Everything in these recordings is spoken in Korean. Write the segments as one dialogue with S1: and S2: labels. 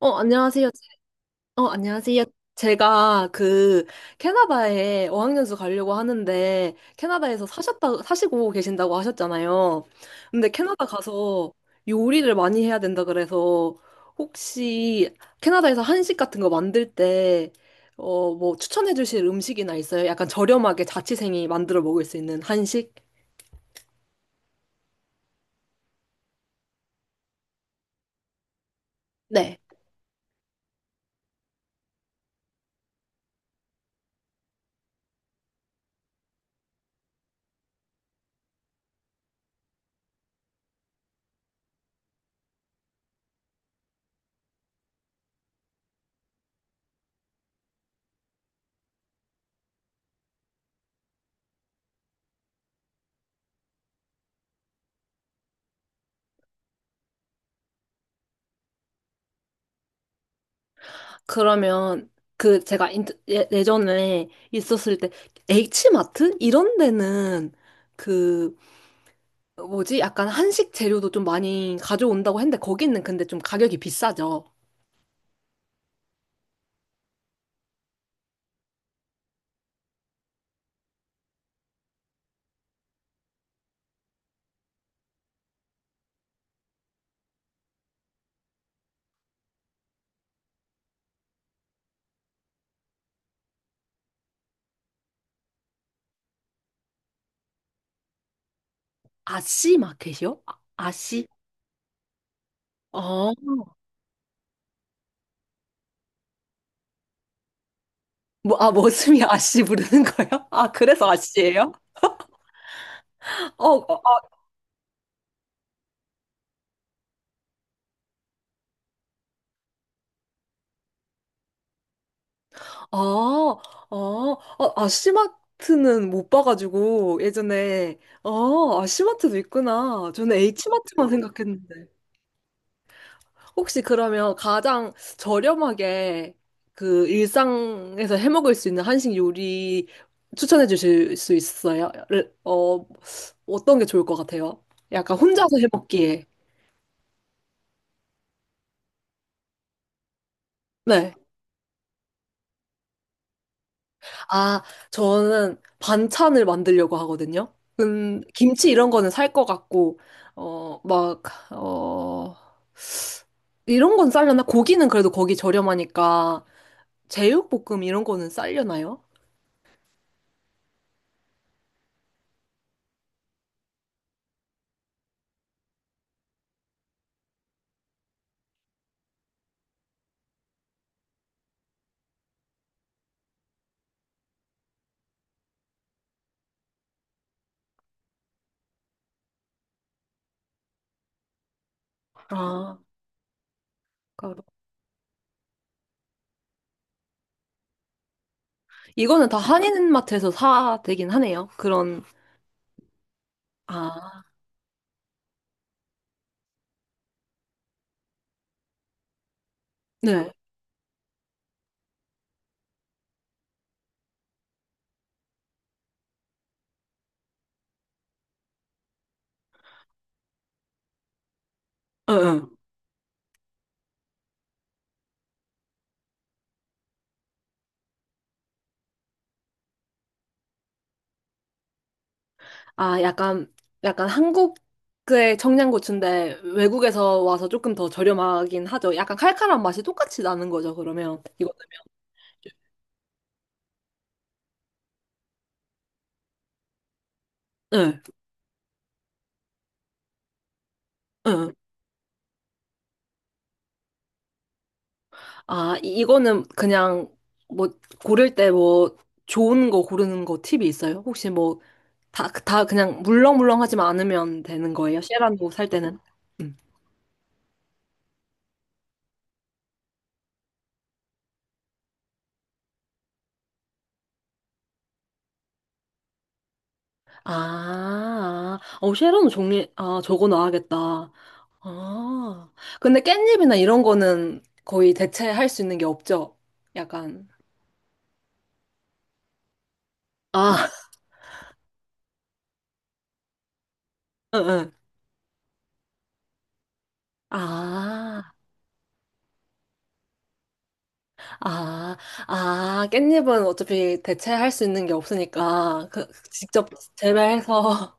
S1: 안녕하세요. 안녕하세요. 제가 캐나다에 어학연수 가려고 하는데 캐나다에서 사셨다 사시고 계신다고 하셨잖아요. 근데 캐나다 가서 요리를 많이 해야 된다 그래서 혹시 캐나다에서 한식 같은 거 만들 때 뭐 추천해 주실 음식이나 있어요? 약간 저렴하게 자취생이 만들어 먹을 수 있는 한식? 네. 그러면 제가 예, 예전에 있었을 때 H마트 이런 데는 그 뭐지 약간 한식 재료도 좀 많이 가져온다고 했는데 거기는 근데 좀 가격이 비싸죠. 아씨 마켓이요? 아, 아씨? 어. 뭐, 아, 머슴이 아씨 부르는 거예요? 아, 그래서 아씨예요? 어, 어, 어, 아, 어, 아씨마트는 못 봐가지고 예전에 아씨마트도 있구나. 저는 H마트만 생각했는데. 혹시 그러면 가장 저렴하게 일상에서 해 먹을 수 있는 한식 요리 추천해 주실 수 있어요? 어떤 게 좋을 것 같아요? 약간 혼자서 해 먹기에. 네. 아, 저는 반찬을 만들려고 하거든요. 김치 이런 거는 살 것 같고, 막, 어, 이런 건 싸려나? 고기는 그래도 거기 저렴하니까, 제육볶음 이런 거는 싸려나요? 아, 그러니까 이거는 다 한인마트에서 사 되긴 하네요. 그런, 아, 네. 응, 응. 아, 약간 한국의 청양고추인데 외국에서 와서 조금 더 저렴하긴 하죠. 약간 칼칼한 맛이 똑같이 나는 거죠, 그러면. 이거, 응, 응. 아, 이거는 그냥 뭐 고를 때 뭐 좋은 거 고르는 거 팁이 있어요? 혹시 뭐 다 그냥 물렁물렁하지만 않으면 되는 거예요? 쉐란도 살 때는? 음. 아, 아. 쉐론 종류, 아, 저거 놔야겠다. 아, 근데 깻잎이나 이런 거는 거의 대체할 수 있는 게 없죠? 약간. 아, 응, 응. 아, 아, 아, 깻잎은 어차피 대체할 수 있는 게 없으니까, 직접 재배해서,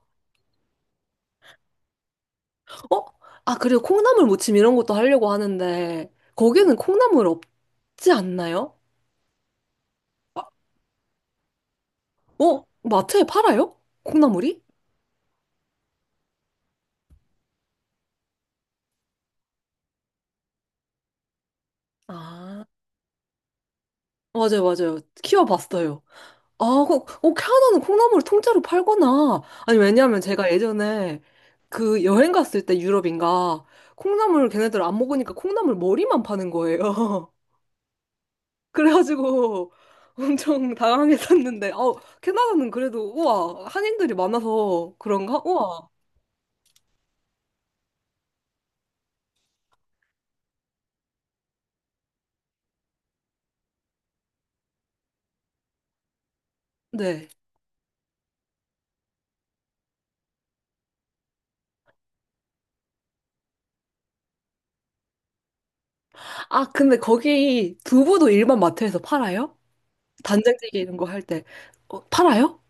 S1: 어? 아, 그리고 콩나물 무침 이런 것도 하려고 하는데, 거기는 콩나물 없지 않나요? 아, 어? 마트에 팔아요? 콩나물이? 아. 맞아요, 맞아요. 키워봤어요. 아, 캐나다는 콩나물을 통째로 팔구나. 아니, 왜냐면 제가 예전에 여행 갔을 때 유럽인가 콩나물 걔네들 안 먹으니까 콩나물 머리만 파는 거예요. 그래가지고 엄청 당황했었는데, 캐나다는 그래도 우와, 한인들이 많아서 그런가? 우와. 네. 아, 근데 거기 두부도 일반 마트에서 팔아요? 단장찌개 이런 거 할 때. 팔아요?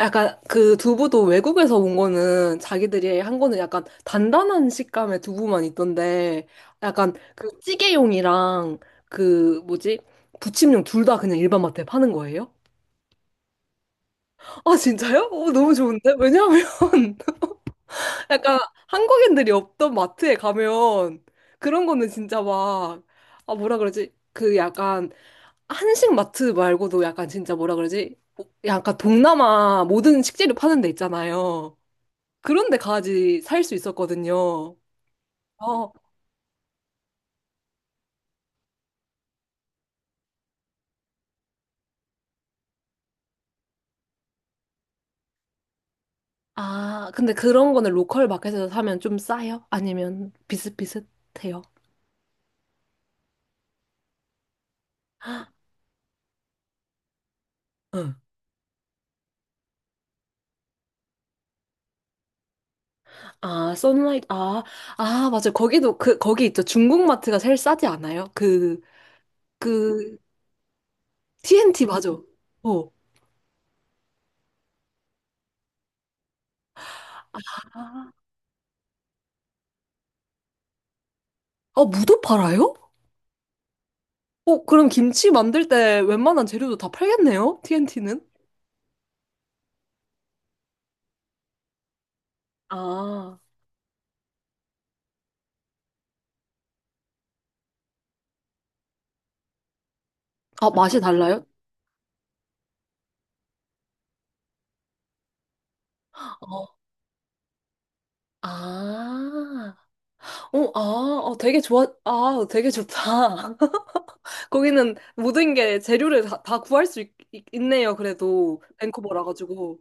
S1: 약간 그 두부도 외국에서 온 거는 자기들이 한 거는 약간 단단한 식감의 두부만 있던데 약간 그 찌개용이랑 그 뭐지? 부침용 둘 다 그냥 일반 마트에 파는 거예요? 아 진짜요? 너무 좋은데? 왜냐하면 약간 한국인들이 없던 마트에 가면 그런 거는 진짜 막 아 뭐라 그러지? 그 약간 한식 마트 말고도 약간 진짜 뭐라 그러지? 뭐 약간 동남아 모든 식재료 파는 데 있잖아요. 그런데 가지 살 수 있었거든요. 어, 아, 근데 그런 거는 로컬 마켓에서 사면 좀 싸요? 아니면 비슷비슷해요? 응. 아, 선라이트, 아, 맞아요. 거기도, 거기 있죠. 중국 마트가 제일 싸지 않아요? 그, TNT, 맞아. 어. 아. 아, 무도 팔아요? 그럼 김치 만들 때 웬만한 재료도 다 팔겠네요? TNT는? 아, 아, 맛이 달라요? 어. 아. 되게 좋아, 되게 좋다. 거기는 모든 게 재료를 다 구할 수 있, 네요 그래도 밴쿠버라 가지고.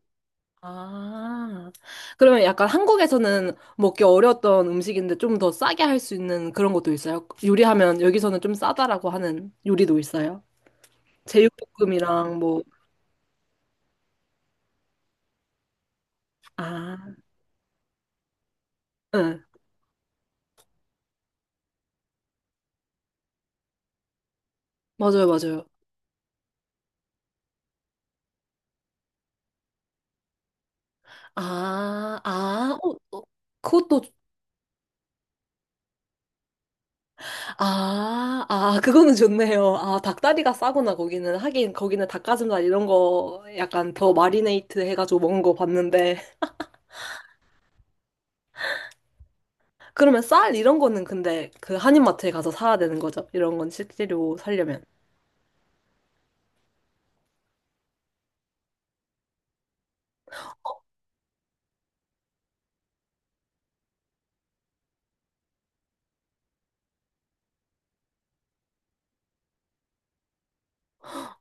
S1: 아, 그러면 약간 한국에서는 먹기 어려웠던 음식인데 좀 더 싸게 할 수 있는 그런 것도 있어요? 요리하면 여기서는 좀 싸다라고 하는 요리도 있어요? 제육볶음이랑 뭐, 아, 응, 맞아요, 맞아요. 아, 아, 어, 어, 그것도 아, 아, 그거는 좋네요. 아, 닭다리가 싸구나, 거기는. 하긴, 거기는 닭가슴살 이런 거 약간 더 마리네이트 해가지고 먹은 거 봤는데. 그러면 쌀 이런 거는 근데 그 한인마트에 가서 사야 되는 거죠? 이런 건 실제로 사려면.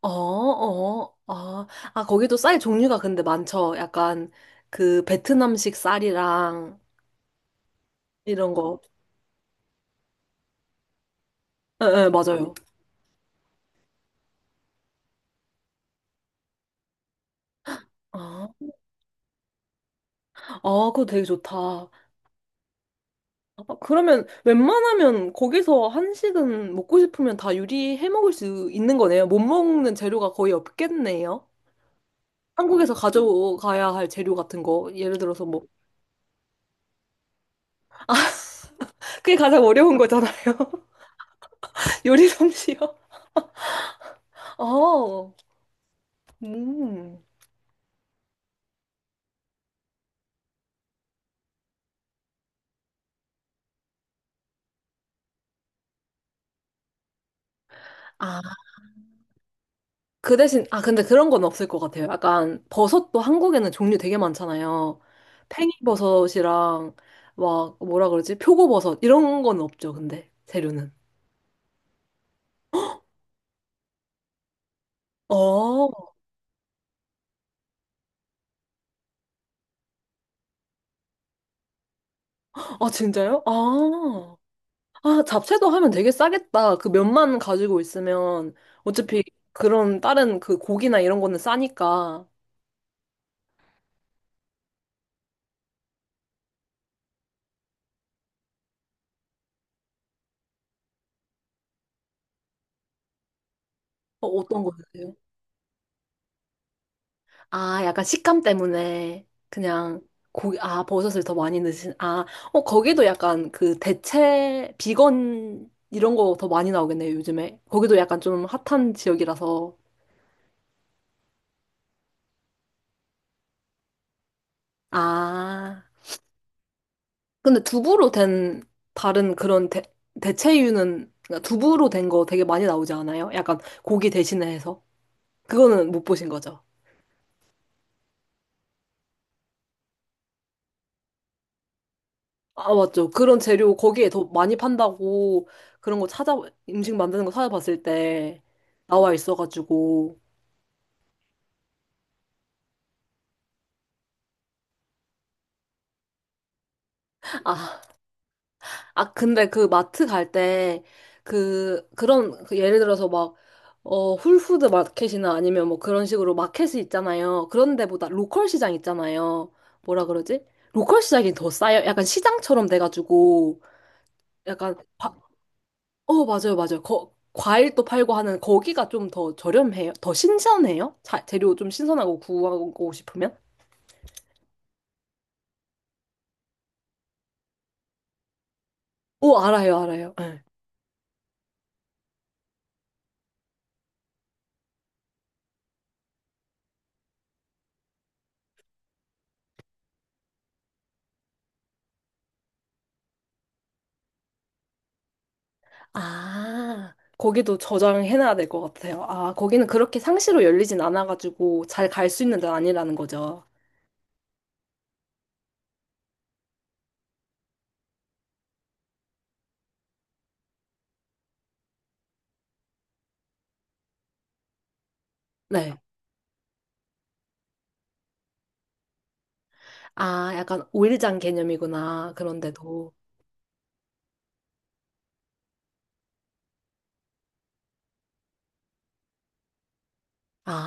S1: 어, 어, 아, 거기도 쌀 종류가 근데 많죠. 약간 그 베트남식 쌀이랑 이런 거. 예, 예, 맞아요. 아, 아, 그거 되게 좋다. 아, 그러면 웬만하면 거기서 한식은 먹고 싶으면 다 요리해 먹을 수 있는 거네요. 못 먹는 재료가 거의 없겠네요. 한국에서 가져가야 할 재료 같은 거. 예를 들어서 뭐. 그게 가장 어려운 거잖아요. 요리 솜씨요. 어, 음. 아, 그 대신, 근데 그런 건 없을 것 같아요. 약간 버섯도 한국에는 종류 되게 많잖아요. 팽이버섯이랑 막 뭐라 그러지? 표고버섯 이런 건 없죠, 근데 재료는. 어, 아, 진짜요? 아, 아, 잡채도 하면 되게 싸겠다. 그 면만 가지고 있으면 어차피 그런 다른 그 고기나 이런 거는 싸니까. 어떤 거 드세요? 아, 약간 식감 때문에 그냥 고기, 버섯을 더 많이 넣으신, 거기도 약간 그 대체, 비건 이런 거 더 많이 나오겠네요, 요즘에. 거기도 약간 좀 핫한 지역이라서. 아. 근데 두부로 된 다른 그런 대, 대체류는 그러니까 두부로 된 거 되게 많이 나오지 않아요? 약간 고기 대신에 해서 그거는 못 보신 거죠? 아 맞죠. 그런 재료 거기에 더 많이 판다고 그런 거 찾아 음식 만드는 거 찾아봤을 때 나와 있어가지고 아 아, 근데 그 마트 갈 때, 그런, 예를 들어서 막, 홀푸드 마켓이나 아니면 뭐 그런 식으로 마켓이 있잖아요. 그런 데보다 로컬 시장 있잖아요. 뭐라 그러지? 로컬 시장이 더 싸요. 약간 시장처럼 돼가지고, 약간, 어, 맞아요, 맞아요. 거, 과일도 팔고 하는 거기가 좀 더 저렴해요. 더 신선해요? 자, 재료 좀 신선하고 구하고 싶으면? 오, 알아요, 알아요. 예. 아, 거기도 저장해놔야 될 것 같아요. 아, 거기는 그렇게 상시로 열리진 않아가지고 잘 갈 수 있는 데는 아니라는 거죠. 네. 아, 약간 오일장 개념이구나. 그런데도. 아.